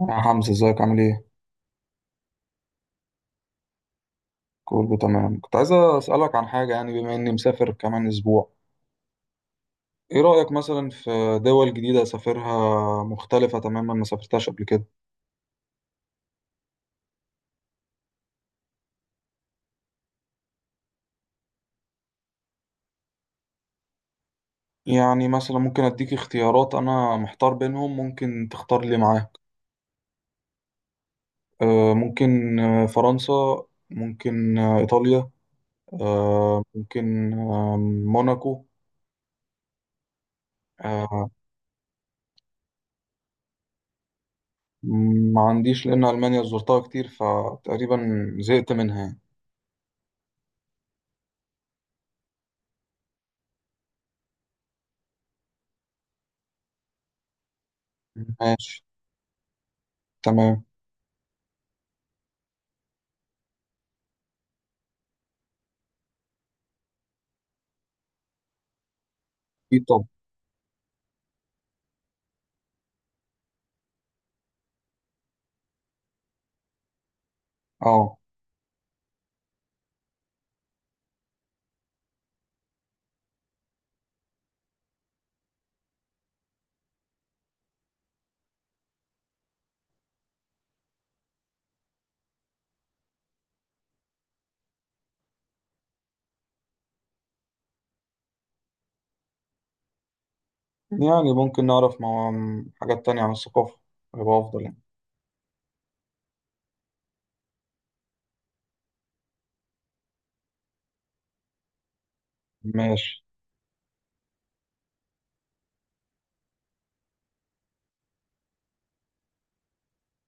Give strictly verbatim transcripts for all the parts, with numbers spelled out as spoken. يا حمزة، ازيك؟ عامل ايه؟ كله تمام. كنت عايز اسألك عن حاجة، يعني بما اني مسافر كمان اسبوع. ايه رأيك مثلا في دول جديدة اسافرها مختلفة تماما ما سافرتهاش قبل كده؟ يعني مثلا ممكن اديك اختيارات، انا محتار بينهم، ممكن تختار لي معاك. آه، ممكن آه، فرنسا. ممكن آه، ايطاليا. آه، ممكن آه، موناكو. آه، ما عنديش لان المانيا زرتها كتير فتقريبا زهقت منها يعني. ماشي. تمام. ايه طب. اه. يعني ممكن نعرف مع حاجات تانية عن الثقافة، يبقى أفضل يعني. ماشي.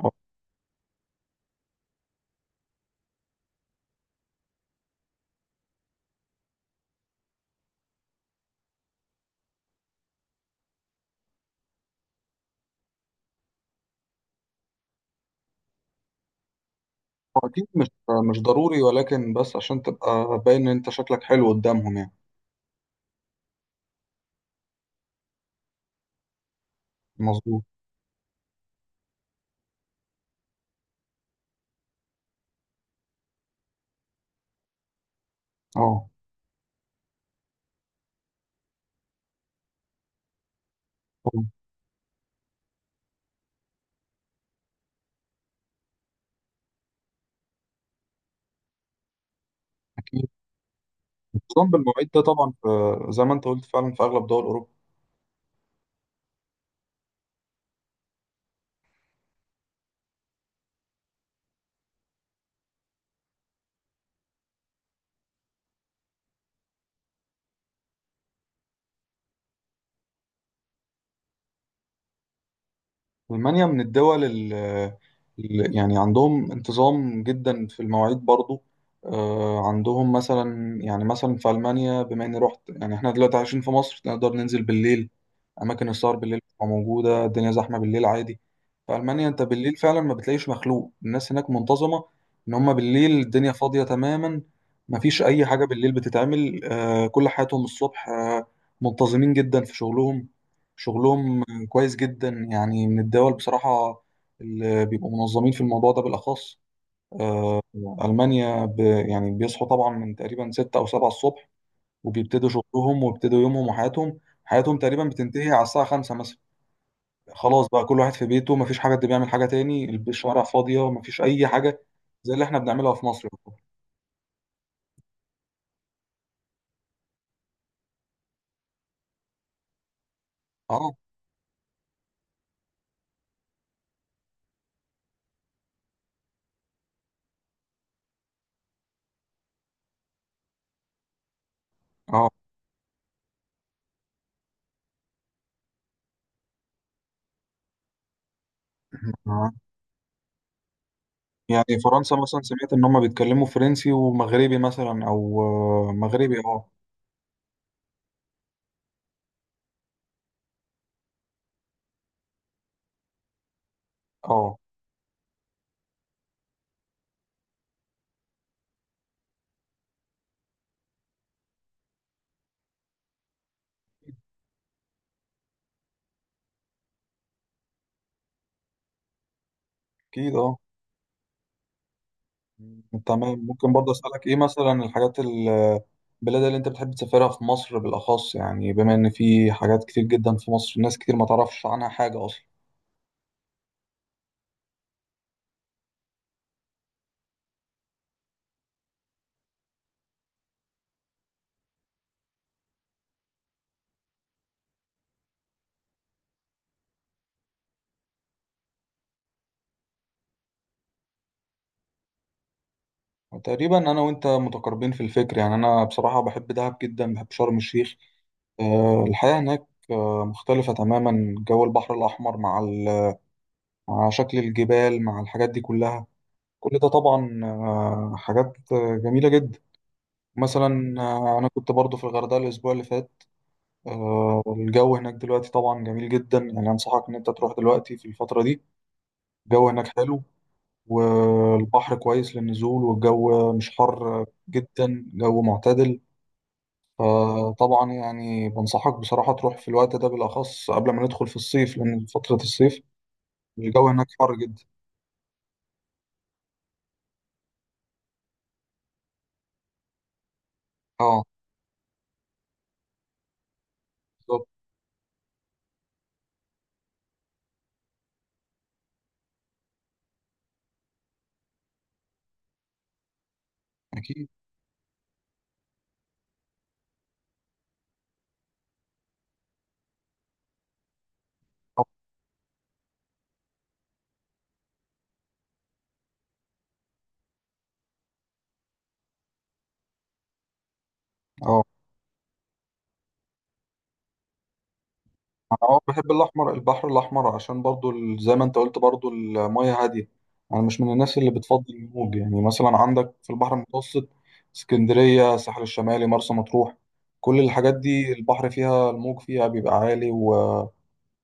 هو أكيد مش مش ضروري ولكن بس عشان تبقى باين إن أنت شكلك حلو قدامهم يعني. مظبوط. أه. طبعاً. أكيد. النظام بالمواعيد ده طبعا في، زي ما أنت قلت، فعلا في أغلب دول أوروبا. ألمانيا من الدول اللي يعني عندهم انتظام جدا في المواعيد برضو. آه، عندهم مثلا، يعني مثلا في ألمانيا بما إني رحت، يعني إحنا دلوقتي عايشين في مصر نقدر ننزل بالليل. اماكن السهر بالليل بتبقى موجوده، الدنيا زحمه بالليل عادي. في المانيا انت بالليل فعلا ما بتلاقيش مخلوق، الناس هناك منتظمه. ان هم بالليل الدنيا فاضيه تماما. ما فيش اي حاجه بالليل بتتعمل. آه كل حياتهم الصبح. آه منتظمين جدا في شغلهم. شغلهم كويس جدا يعني، من الدول بصراحه اللي بيبقوا منظمين في الموضوع ده بالاخص. المانيا ب... يعني بيصحوا طبعا من تقريبا ستة او سبعة الصبح، وبيبتدوا شغلهم ويبتدوا يومهم وحياتهم. حياتهم تقريبا بتنتهي على الساعه خمسة مثلا. خلاص بقى، كل واحد في بيته مفيش حاجة، حد بيعمل حاجة تاني، الشوارع فاضية مفيش أي حاجة. زي اللي احنا بنعملها في مصر. اه. اه. آه. يعني فرنسا مثلا سمعت إن هما بيتكلموا فرنسي ومغربي مثلا، أو آه، مغربي. اه. اه. أكيد. اه. تمام. ممكن برضه أسألك إيه مثلا الحاجات ال- البلاد اللي أنت بتحب تسافرها في مصر بالأخص، يعني بما إن في حاجات كتير جدا في مصر ناس كتير ما تعرفش عنها حاجة أصلا. تقريبا انا وانت متقاربين في الفكر، يعني انا بصراحه بحب دهب جدا، بحب شرم الشيخ. آه، الحياه هناك آه، مختلفه تماما. جو البحر الاحمر مع ال- مع شكل الجبال مع الحاجات دي كلها. كل ده طبعا آه، حاجات آه، جميله جدا. مثلا آه، انا كنت برضو في الغردقه الاسبوع اللي فات. آه، الجو هناك دلوقتي طبعا جميل جدا، يعني انصحك ان انت تروح دلوقتي في الفتره دي. الجو هناك حلو، والبحر كويس للنزول، والجو مش حر جدا، جو معتدل. فطبعا يعني بنصحك بصراحة تروح في الوقت ده بالأخص قبل ما ندخل في الصيف، لأن فترة الصيف الجو هناك حر جدا. اه. بالظبط. أكيد. اه. آه. أنا اه بحب الأحمر، البحر الأحمر عشان برضو ال- زي ما أنت قلت برضو، المياه هادية. أنا مش من الناس اللي بتفضل الموج. يعني مثلا عندك في البحر المتوسط اسكندرية، الساحل الشمالي، مرسى مطروح، كل الحاجات دي البحر فيها، الموج فيها بيبقى عالي و...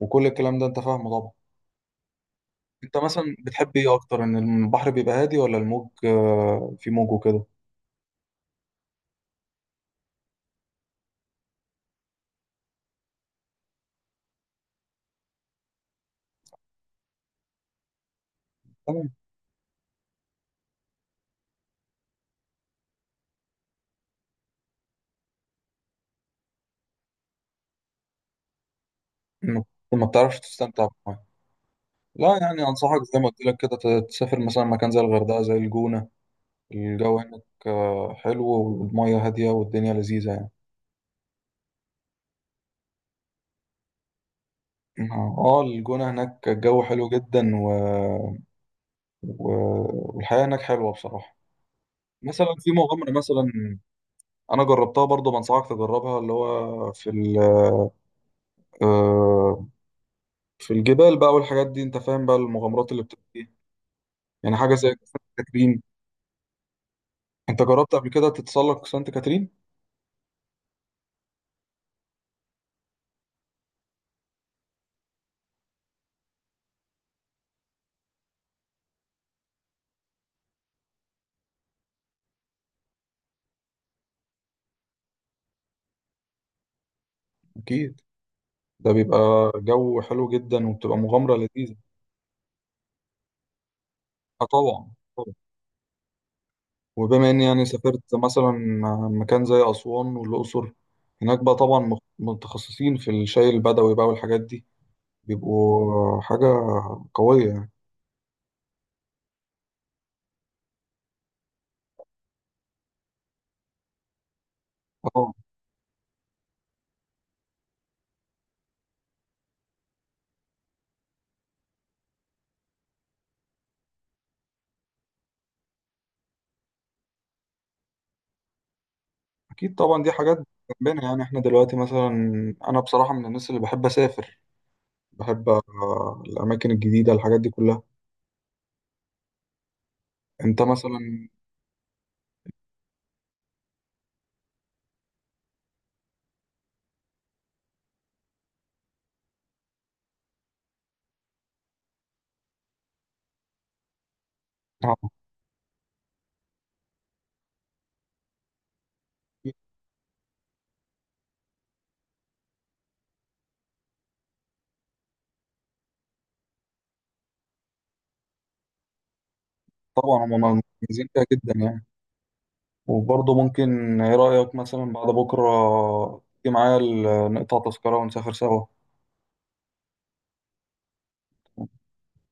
وكل الكلام ده أنت فاهمه طبعا. انت مثلا بتحب ايه اكتر؟ ان البحر بيبقى هادي، ولا الموج آه، في موج وكده؟ تمام. ما ما بتعرفش تستمتع بالميه. لا، يعني انصحك زي ما قلت لك كده ت- تسافر مثلا مكان زي الغردقه، زي الجونه. الجو هناك آه، حلو، والميه هاديه، والدنيا لذيذه يعني. اه. الجونه هناك الجو حلو جدا و... و... والحياه هناك حلوه بصراحه. مثلا في مغامره مثلا. انا جربتها برضه، بنصحك تجربها، اللي هو في ال... آه، في الجبال بقى والحاجات دي انت فاهم بقى المغامرات اللي بتبقى فيها. يعني حاجه زي سانت كاترين. انت جربت قبل كده تتسلق سانت كاترين؟ اكيد. ده بيبقى جو حلو جدا، وبتبقى مغامره لذيذه. اه. طبعا طبعا. وبما اني يعني سافرت مثلا مكان زي اسوان والاقصر، هناك بقى طبعا مخ- متخصصين في الشاي البدوي بقى والحاجات دي، بيبقوا حاجه قويه يعني. اه. اكيد طبعا دي حاجات جنبنا، يعني احنا دلوقتي مثلا انا بصراحه من الناس اللي بحب اسافر، بحب آه، الأماكن الجديدة الحاجات دي كلها. أنت مثلا آه، طبعا هما مميزين فيها جدا يعني. وبرضه ممكن إيه رأيك مثلا بعد بكرة تيجي معايا ال- نقطع تذكرة ونسافر سوا؟